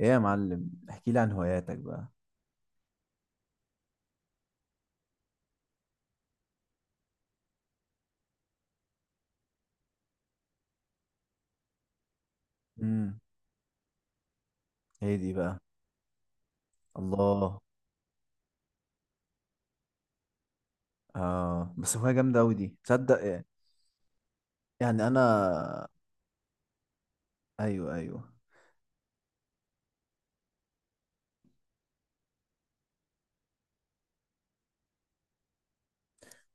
ايه يا معلم، احكي لي عن هواياتك بقى. امم ايه دي بقى؟ الله. اه، بس هواية جامدة اوي دي، تصدق إيه؟ يعني انا. ايوه، ايوه.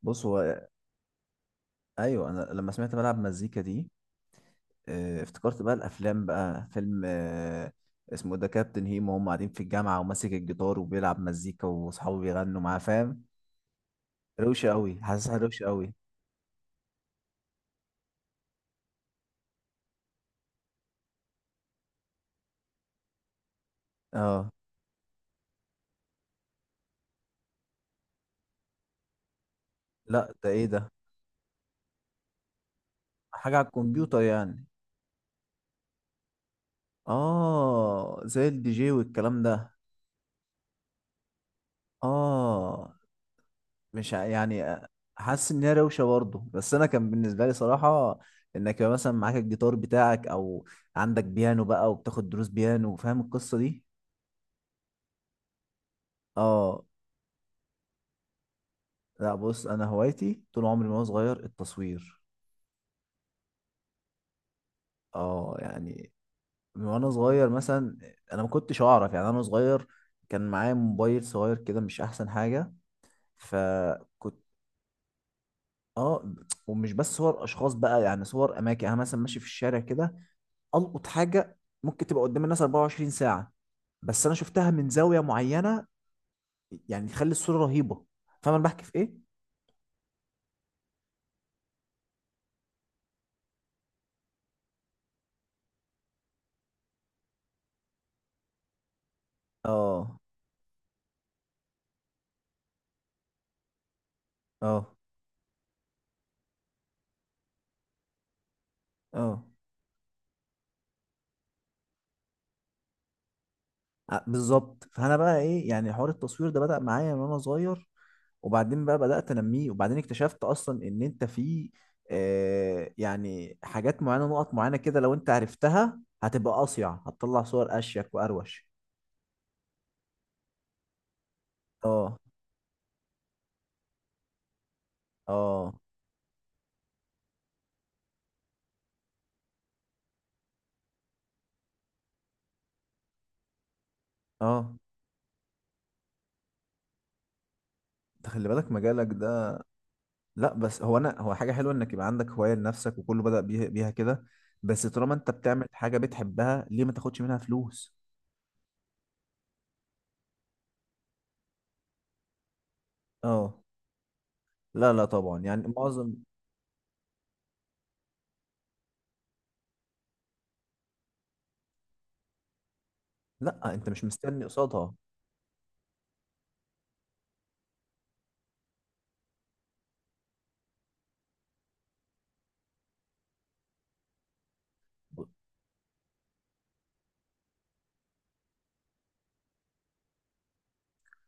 بص، هو. ايوه، انا لما سمعت بلعب مزيكا دي، افتكرت بقى الافلام، بقى فيلم، اسمه ده كابتن هيما، وهم قاعدين في الجامعة وماسك الجيتار وبيلعب مزيكا واصحابه بيغنوا معاه، فاهم. روشة اوي، حاسسها روشة اوي. اه. لا، ده ايه ده؟ حاجة على الكمبيوتر يعني؟ اه، زي الدي جي والكلام ده. اه، مش يعني. حاسس ان هي روشه برضه، بس انا كان بالنسبه لي صراحه، انك يبقى مثلا معاك الجيتار بتاعك او عندك بيانو بقى وبتاخد دروس بيانو، فاهم القصه دي. اه. لا، بص، انا هوايتي طول عمري من وانا صغير التصوير. اه، يعني من وانا صغير مثلا. انا ما كنتش اعرف، يعني انا صغير، كان معايا موبايل صغير كده مش احسن حاجه. فكنت. اه. ومش بس صور اشخاص بقى، يعني صور اماكن، يعني انا مثلا ماشي في الشارع كده، القط حاجه ممكن تبقى قدام الناس 24 ساعه، بس انا شفتها من زاويه معينه يعني تخلي الصوره رهيبه. فاهم انا بحكي في ايه. اه، اه، اه. بالظبط. فانا بقى ايه، يعني حوار التصوير ده بدأ معايا من وانا صغير. وبعدين بقى بدأت انميه، وبعدين اكتشفت اصلا ان انت في، يعني حاجات معينه، نقط معينه كده لو انت عرفتها هتبقى اصيع، هتطلع صور اشيك واروش. اه، اه، اه. انت خلي بالك مجالك ده. لا، بس هو، انا، هو حاجه حلوه انك يبقى عندك هوايه لنفسك، وكله بدأ بيها كده. بس طالما انت بتعمل حاجه بتحبها، ليه ما تاخدش منها فلوس؟ اه. لا، لا، طبعا، يعني معظم. لا، انت مش مستني قصادها.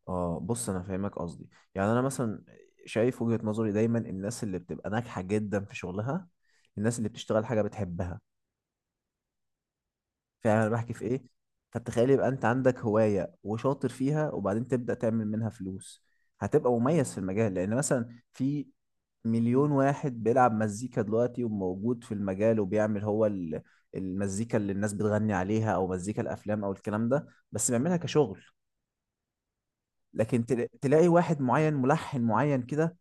اه، بص انا فاهمك قصدي. يعني انا مثلا شايف وجهة نظري، دايما الناس اللي بتبقى ناجحه جدا في شغلها، الناس اللي بتشتغل حاجه بتحبها. فاهم انا بحكي في ايه. فتخيل يبقى انت عندك هوايه وشاطر فيها، وبعدين تبدأ تعمل منها فلوس، هتبقى مميز في المجال. لان مثلا في مليون واحد بيلعب مزيكا دلوقتي وموجود في المجال، وبيعمل هو المزيكا اللي الناس بتغني عليها او مزيكا الافلام او الكلام ده، بس بيعملها كشغل. لكن تلاقي واحد معين، ملحن معين كده،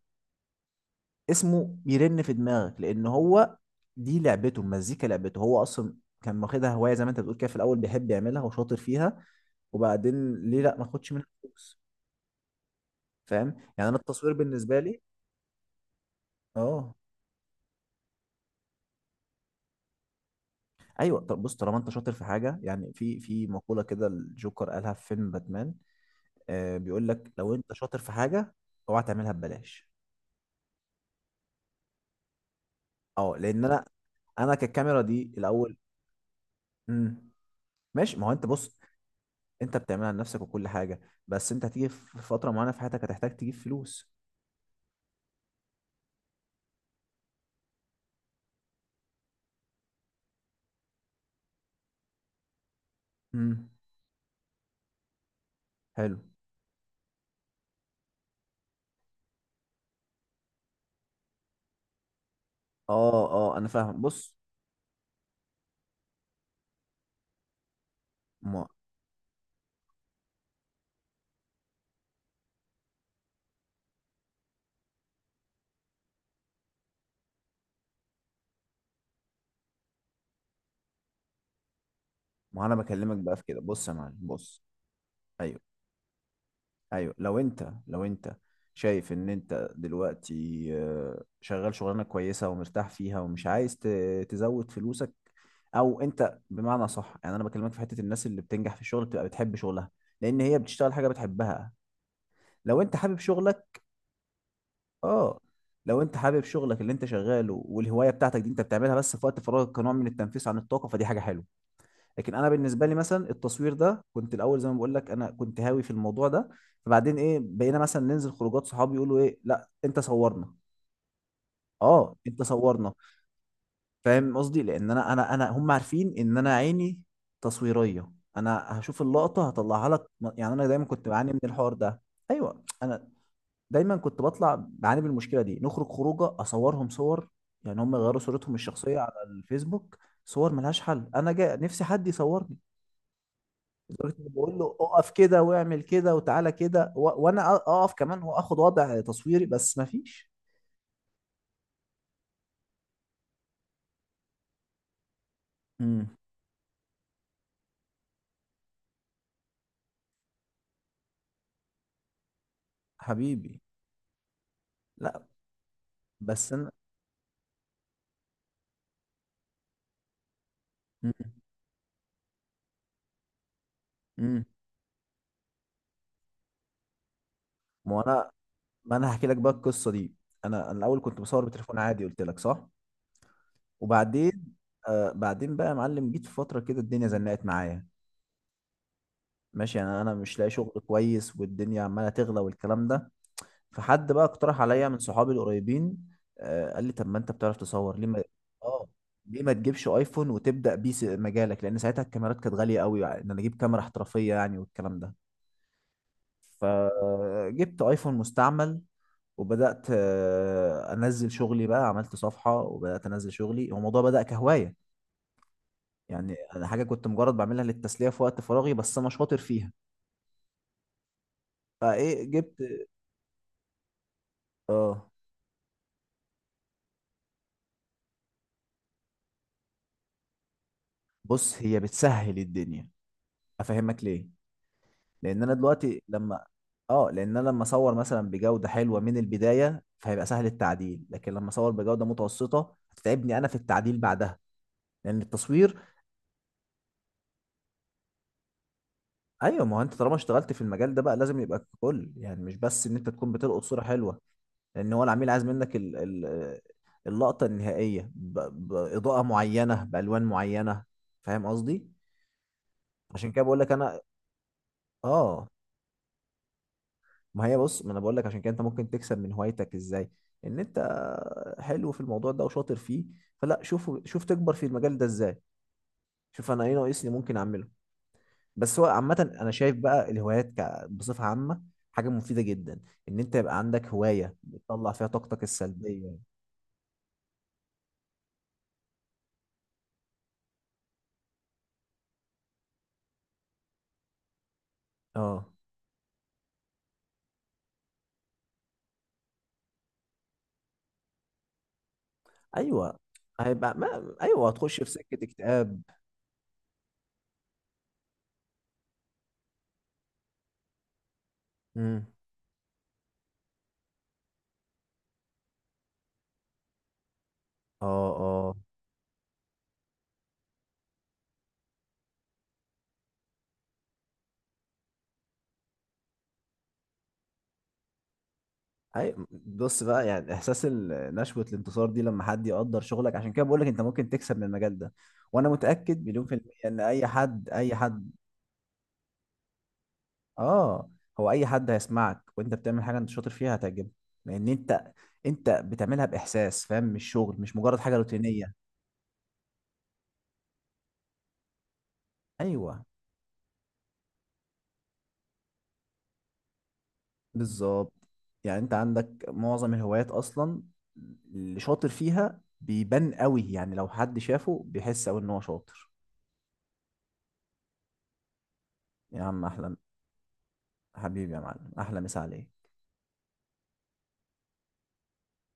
اسمه بيرن في دماغك. لان هو دي لعبته، المزيكا لعبته هو اصلا، كان واخدها هواية زي ما انت بتقول كده، في الاول بيحب يعملها وشاطر فيها، وبعدين ليه لا ما اخدش منها فلوس. فاهم، يعني انا التصوير بالنسبة لي. اه. ايوه، طب بص، طالما انت شاطر في حاجه، يعني في مقوله كده الجوكر قالها في فيلم باتمان، بيقول لك لو انت شاطر في حاجه، اوعى تعملها ببلاش. اه، لان انا، انا كالكاميرا دي الاول. امم ماشي، ما هو انت بص، انت بتعملها لنفسك وكل حاجه، بس انت هتيجي في فتره معينه في حياتك هتحتاج تجيب فلوس. امم حلو. اه، اه، انا فاهم بص. ما ما انا بكلمك بقى في كده، بص يا معلم بص. ايوه، ايوه، لو انت شايف ان انت دلوقتي شغال شغلانه كويسه ومرتاح فيها ومش عايز تزود فلوسك. او انت بمعنى صح، يعني انا بكلمك في حته الناس اللي بتنجح في الشغل بتبقى بتحب شغلها، لان هي بتشتغل حاجه بتحبها. لو انت حابب شغلك. اه. لو انت حابب شغلك اللي انت شغاله، والهوايه بتاعتك دي انت بتعملها بس في وقت فراغك كنوع من التنفيس عن الطاقه، فدي حاجه حلوه. لكن انا بالنسبه لي مثلا التصوير ده كنت الاول، زي ما بقول لك، انا كنت هاوي في الموضوع ده. فبعدين ايه بقينا مثلا ننزل خروجات، صحابي يقولوا ايه، لا انت صورنا. اه، انت صورنا. فاهم قصدي، لان انا انا هم عارفين ان انا عيني تصويريه، انا هشوف اللقطه هطلعها لك. يعني انا دايما كنت بعاني من الحوار ده. ايوه، انا دايما كنت بطلع بعاني من المشكله دي، نخرج خروجه اصورهم صور، يعني هم يغيروا صورتهم الشخصيه على الفيسبوك. صور ملهاش حل، انا جاي نفسي حد يصور. لدرجة إني بقول له اقف كده، واعمل كده، وتعالى كده و... وانا اقف كمان واخد وضع تصويري، بس ما فيش. امم حبيبي. لا، بس انا. امم امم ما هو انا، ما انا هحكي لك بقى القصه دي. انا الاول كنت بصور بتليفون عادي قلت لك صح. وبعدين، بعدين بقى يا معلم جيت في فتره كده الدنيا زنقت معايا، ماشي، انا مش لاقي شغل كويس، والدنيا عماله تغلى والكلام ده. فحد بقى اقترح عليا من صحابي القريبين، قال لي طب ما انت بتعرف تصور، ليه ما. اه، ليه ما تجيبش ايفون وتبدا بيه مجالك، لان ساعتها الكاميرات كانت غاليه قوي، يعني ان انا اجيب كاميرا احترافيه يعني، والكلام ده. فجبت ايفون مستعمل وبدات، انزل شغلي بقى، عملت صفحه وبدات انزل شغلي. هو الموضوع بدا كهوايه، يعني انا حاجه كنت مجرد بعملها للتسليه في وقت فراغي، بس انا شاطر فيها. فايه جبت. اه، بص هي بتسهل الدنيا، افهمك ليه. لان انا دلوقتي لما، اه، لان انا لما اصور مثلا بجوده حلوه من البدايه، فهيبقى سهل التعديل. لكن لما اصور بجوده متوسطه هتتعبني انا في التعديل بعدها. لان التصوير، ايوه ما هو انت طالما اشتغلت في المجال ده بقى لازم يبقى ككل، يعني مش بس ان انت تكون بتلقط صوره حلوه. لان هو العميل عايز منك ال... ال... اللقطه النهائيه ب... باضاءه معينه، بالوان معينه. فاهم قصدي. عشان كده بقول لك انا. اه. ما هي بص، ما انا بقول لك عشان كده انت ممكن تكسب من هوايتك ازاي. ان انت حلو في الموضوع ده وشاطر فيه، فلا، شوف شوف تكبر في المجال ده ازاي، شوف انا ايه ناقصني ممكن اعمله. بس هو عامة انا شايف بقى الهوايات بصفة عامة حاجة مفيدة جدا، ان انت يبقى عندك هواية بتطلع فيها طاقتك السلبية. اه، ايوه، هيبقى ما... ايوه، هتخش في سكة اكتئاب. امم اه، اي بص بقى، يعني احساس نشوة الانتصار دي لما حد يقدر شغلك، عشان كده بقول لك انت ممكن تكسب من المجال ده. وانا متأكد مليون في المية ان اي حد، اي حد. اه. هو اي حد هيسمعك وانت بتعمل حاجة انت شاطر فيها هتعجبه، لان انت، انت بتعملها باحساس، فاهم، مش شغل، مش مجرد حاجة روتينية. ايوه، بالظبط. يعني انت عندك معظم الهوايات اصلا اللي شاطر فيها بيبان قوي، يعني لو حد شافه بيحس قوي ان هو شاطر. يا عم، احلى. حبيبي يا معلم، احلى مسا عليك.